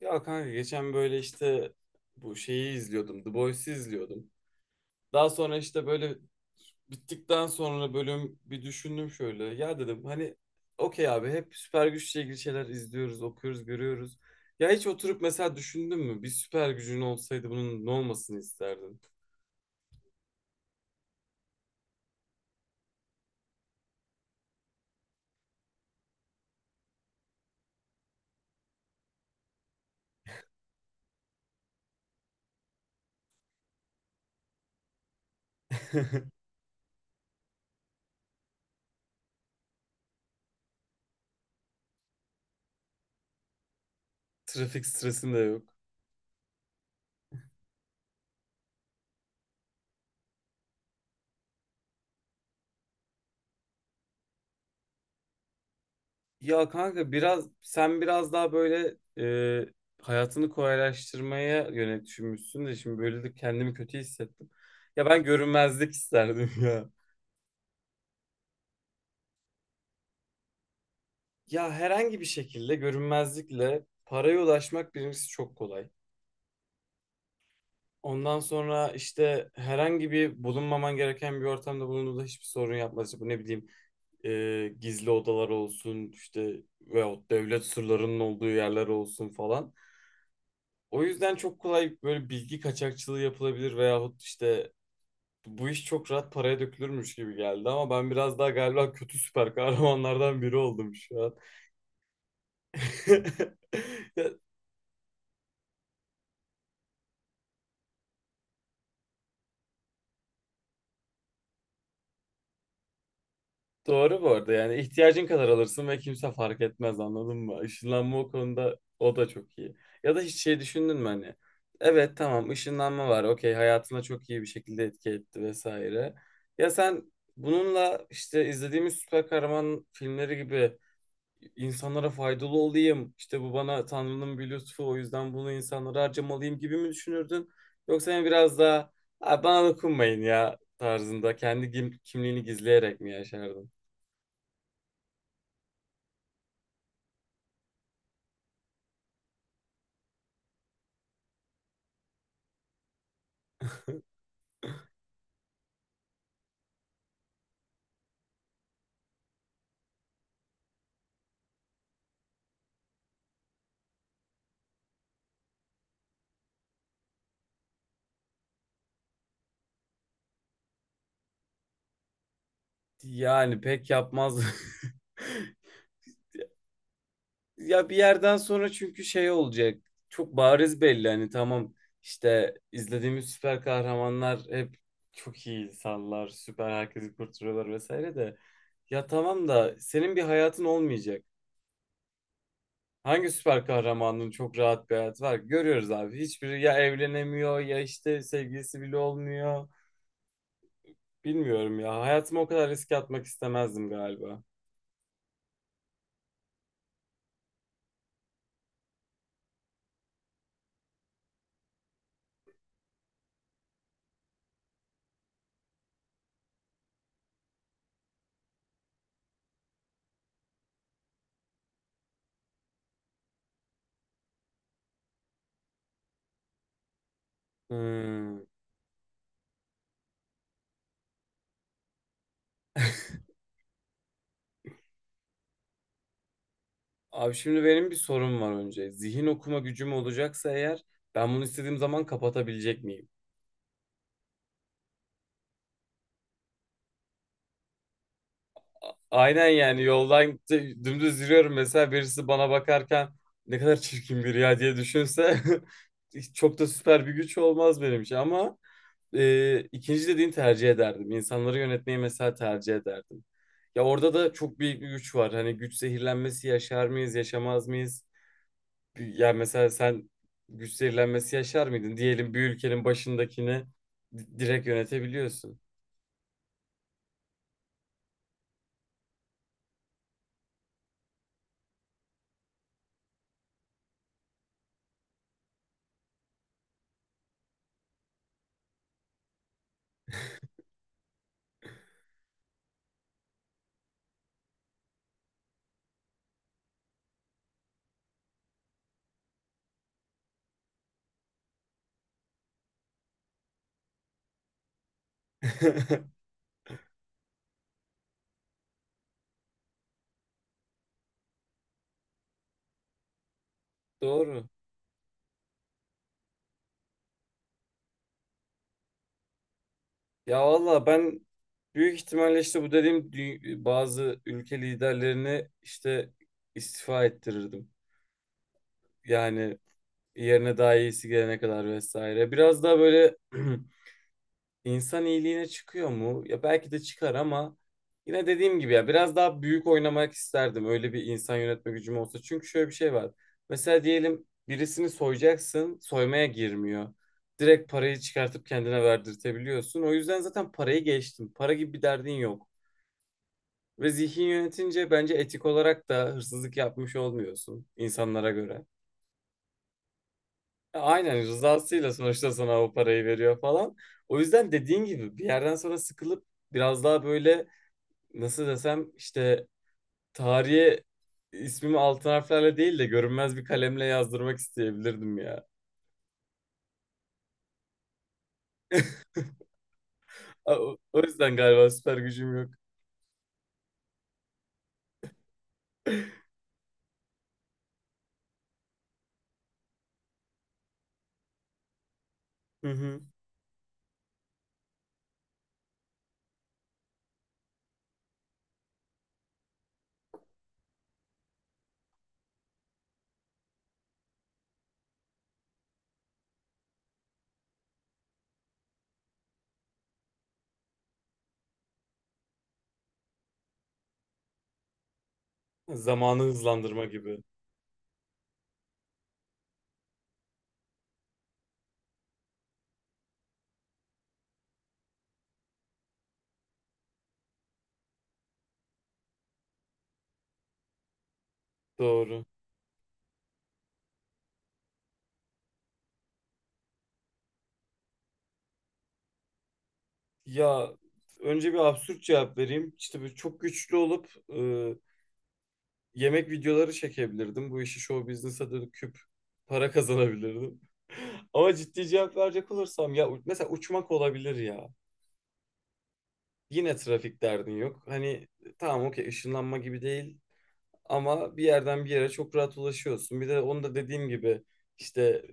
Ya kanka geçen böyle işte bu şeyi izliyordum. The Boys'i izliyordum. Daha sonra işte böyle bittikten sonra bölüm bir düşündüm şöyle. Ya dedim hani okey abi hep süper güçle ilgili şeyler izliyoruz, okuyoruz, görüyoruz. Ya hiç oturup mesela düşündün mü? Bir süper gücün olsaydı bunun ne olmasını isterdin? Trafik stresin de yok. Ya kanka biraz sen biraz daha böyle e, hayatını kolaylaştırmaya yönelik düşünmüşsün de şimdi böyle de kendimi kötü hissettim. Ya ben görünmezlik isterdim ya. Ya herhangi bir şekilde görünmezlikle paraya ulaşmak birincisi çok kolay. Ondan sonra işte herhangi bir bulunmaman gereken bir ortamda bulunduğunda hiçbir sorun yapmaz. İşte bu ne bileyim e, gizli odalar olsun işte veyahut devlet sırlarının olduğu yerler olsun falan. O yüzden çok kolay böyle bilgi kaçakçılığı yapılabilir veyahut işte bu iş çok rahat paraya dökülürmüş gibi geldi ama ben biraz daha galiba kötü süper kahramanlardan biri oldum şu an. Ya, Doğru bu arada yani ihtiyacın kadar alırsın ve kimse fark etmez anladın mı? Işınlanma o konuda o da çok iyi. Ya da hiç şey düşündün mü hani? Evet tamam ışınlanma var okey hayatına çok iyi bir şekilde etki etti vesaire. Ya sen bununla işte izlediğimiz süper kahraman filmleri gibi insanlara faydalı olayım. İşte bu bana Tanrı'nın bir lütfu o yüzden bunu insanlara harcamalıyım gibi mi düşünürdün? Yoksa yani biraz daha "Abi bana dokunmayın" ya tarzında kendi kimliğini gizleyerek mi yaşardın? Yani pek yapmaz. Ya bir yerden sonra çünkü şey olacak. Çok bariz belli hani tamam işte izlediğimiz süper kahramanlar hep çok iyi insanlar, süper herkesi kurtarıyorlar vesaire de ya tamam da senin bir hayatın olmayacak. Hangi süper kahramanın çok rahat bir hayatı var ki? Görüyoruz abi. Hiçbiri ya evlenemiyor ya işte sevgilisi bile olmuyor. Bilmiyorum ya. Hayatımı o kadar riske atmak istemezdim galiba. Hmm. Abi şimdi benim bir sorum var önce. Zihin okuma gücüm olacaksa eğer ben bunu istediğim zaman kapatabilecek miyim? Aynen yani yoldan dümdüz yürüyorum mesela birisi bana bakarken ne kadar çirkin biri ya diye düşünse hiç çok da süper bir güç olmaz benim için ama ikinci dediğin tercih ederdim. İnsanları yönetmeyi mesela tercih ederdim. Ya orada da çok büyük bir güç var. Hani güç zehirlenmesi yaşar mıyız, yaşamaz mıyız? Ya mesela sen güç zehirlenmesi yaşar mıydın? Diyelim bir ülkenin başındakini direkt yönetebiliyorsun. Doğru. Ya valla ben büyük ihtimalle işte bu dediğim bazı ülke liderlerini işte istifa ettirirdim. Yani yerine daha iyisi gelene kadar vesaire. Biraz daha böyle İnsan iyiliğine çıkıyor mu? Ya belki de çıkar ama yine dediğim gibi ya biraz daha büyük oynamak isterdim. Öyle bir insan yönetme gücüm olsa. Çünkü şöyle bir şey var. Mesela diyelim birisini soyacaksın, soymaya girmiyor. Direkt parayı çıkartıp kendine verdirtebiliyorsun. O yüzden zaten parayı geçtim. Para gibi bir derdin yok. Ve zihin yönetince bence etik olarak da hırsızlık yapmış olmuyorsun insanlara göre. Aynen rızasıyla sonuçta sana o parayı veriyor falan. O yüzden dediğin gibi bir yerden sonra sıkılıp biraz daha böyle nasıl desem işte tarihe ismimi altın harflerle değil de görünmez bir kalemle yazdırmak isteyebilirdim ya. O yüzden galiba süper gücüm yok. Hı hı. Zamanı hızlandırma gibi. Doğru. Ya önce bir absürt cevap vereyim. İşte bu çok güçlü olup yemek videoları çekebilirdim. Bu işi show business'a döküp para kazanabilirdim. Ama ciddi cevap verecek olursam ya mesela uçmak olabilir ya. Yine trafik derdin yok. Hani tamam okey ışınlanma gibi değil ama bir yerden bir yere çok rahat ulaşıyorsun. Bir de onu da dediğim gibi işte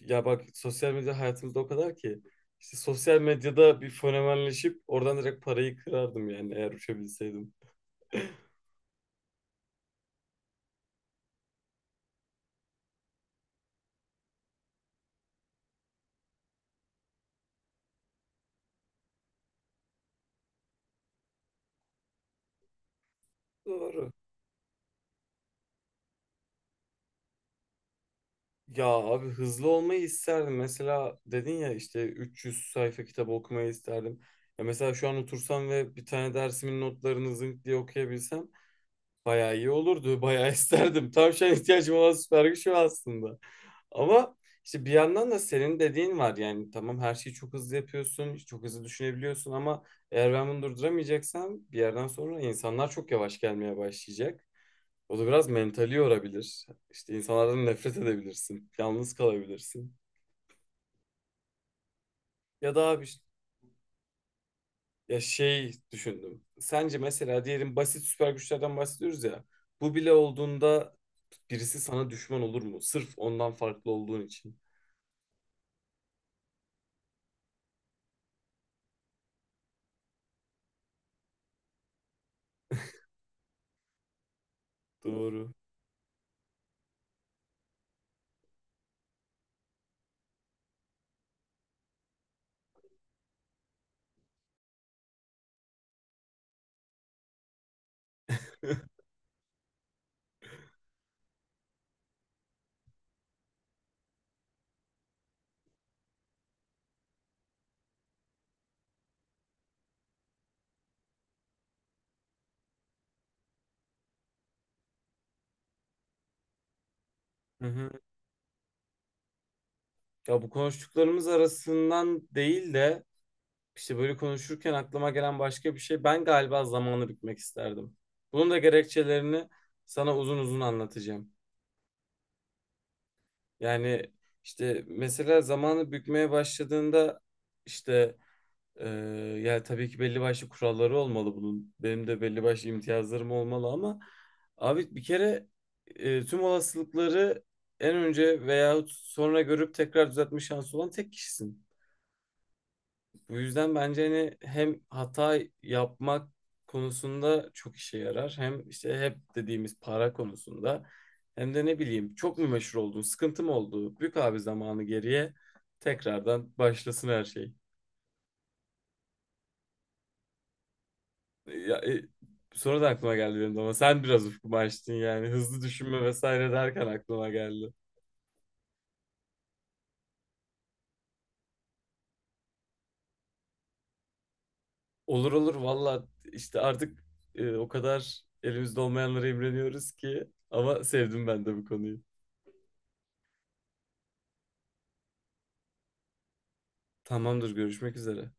ya bak sosyal medya hayatımızda o kadar ki işte sosyal medyada bir fenomenleşip oradan direkt parayı kırardım yani eğer uçabilseydim. Doğru. Ya abi hızlı olmayı isterdim. Mesela dedin ya işte 300 sayfa kitabı okumayı isterdim. Ya mesela şu an otursam ve bir tane dersimin notlarını zınk diye okuyabilsem bayağı iyi olurdu. Bayağı isterdim. Tam şu an ihtiyacım olan süper güç o aslında. Ama işte bir yandan da senin dediğin var yani tamam her şeyi çok hızlı yapıyorsun, çok hızlı düşünebiliyorsun ama eğer ben bunu durduramayacaksam bir yerden sonra insanlar çok yavaş gelmeye başlayacak. O da biraz mentali yorabilir. İşte insanlardan nefret edebilirsin, yalnız kalabilirsin. Ya da abi işte- ya şey düşündüm. Sence mesela diyelim basit süper güçlerden bahsediyoruz ya. Bu bile olduğunda birisi sana düşman olur mu? Sırf ondan farklı olduğun için. Doğru. Hı hı. Ya bu konuştuklarımız arasından değil de işte böyle konuşurken aklıma gelen başka bir şey. Ben galiba zamanı bitmek isterdim. Bunun da gerekçelerini sana uzun uzun anlatacağım. Yani işte mesela zamanı bükmeye başladığında işte e, ya tabii ki belli başlı kuralları olmalı bunun. Benim de belli başlı imtiyazlarım olmalı ama abi bir kere tüm olasılıkları en önce veyahut sonra görüp tekrar düzeltme şansı olan tek kişisin. Bu yüzden bence hani hem hata yapmak konusunda çok işe yarar. Hem işte hep dediğimiz para konusunda. Hem de ne bileyim çok mu meşhur oldun, sıkıntı mı oldu? Bük abi zamanı geriye tekrardan başlasın her şey. Ya, e, Sonra da aklıma geldi benim de ama sen biraz ufkumu açtın yani. Hızlı düşünme vesaire derken aklıma geldi. Olur olur valla işte artık o kadar elimizde olmayanlara imreniyoruz ki. Ama sevdim ben de bu konuyu. Tamamdır görüşmek üzere.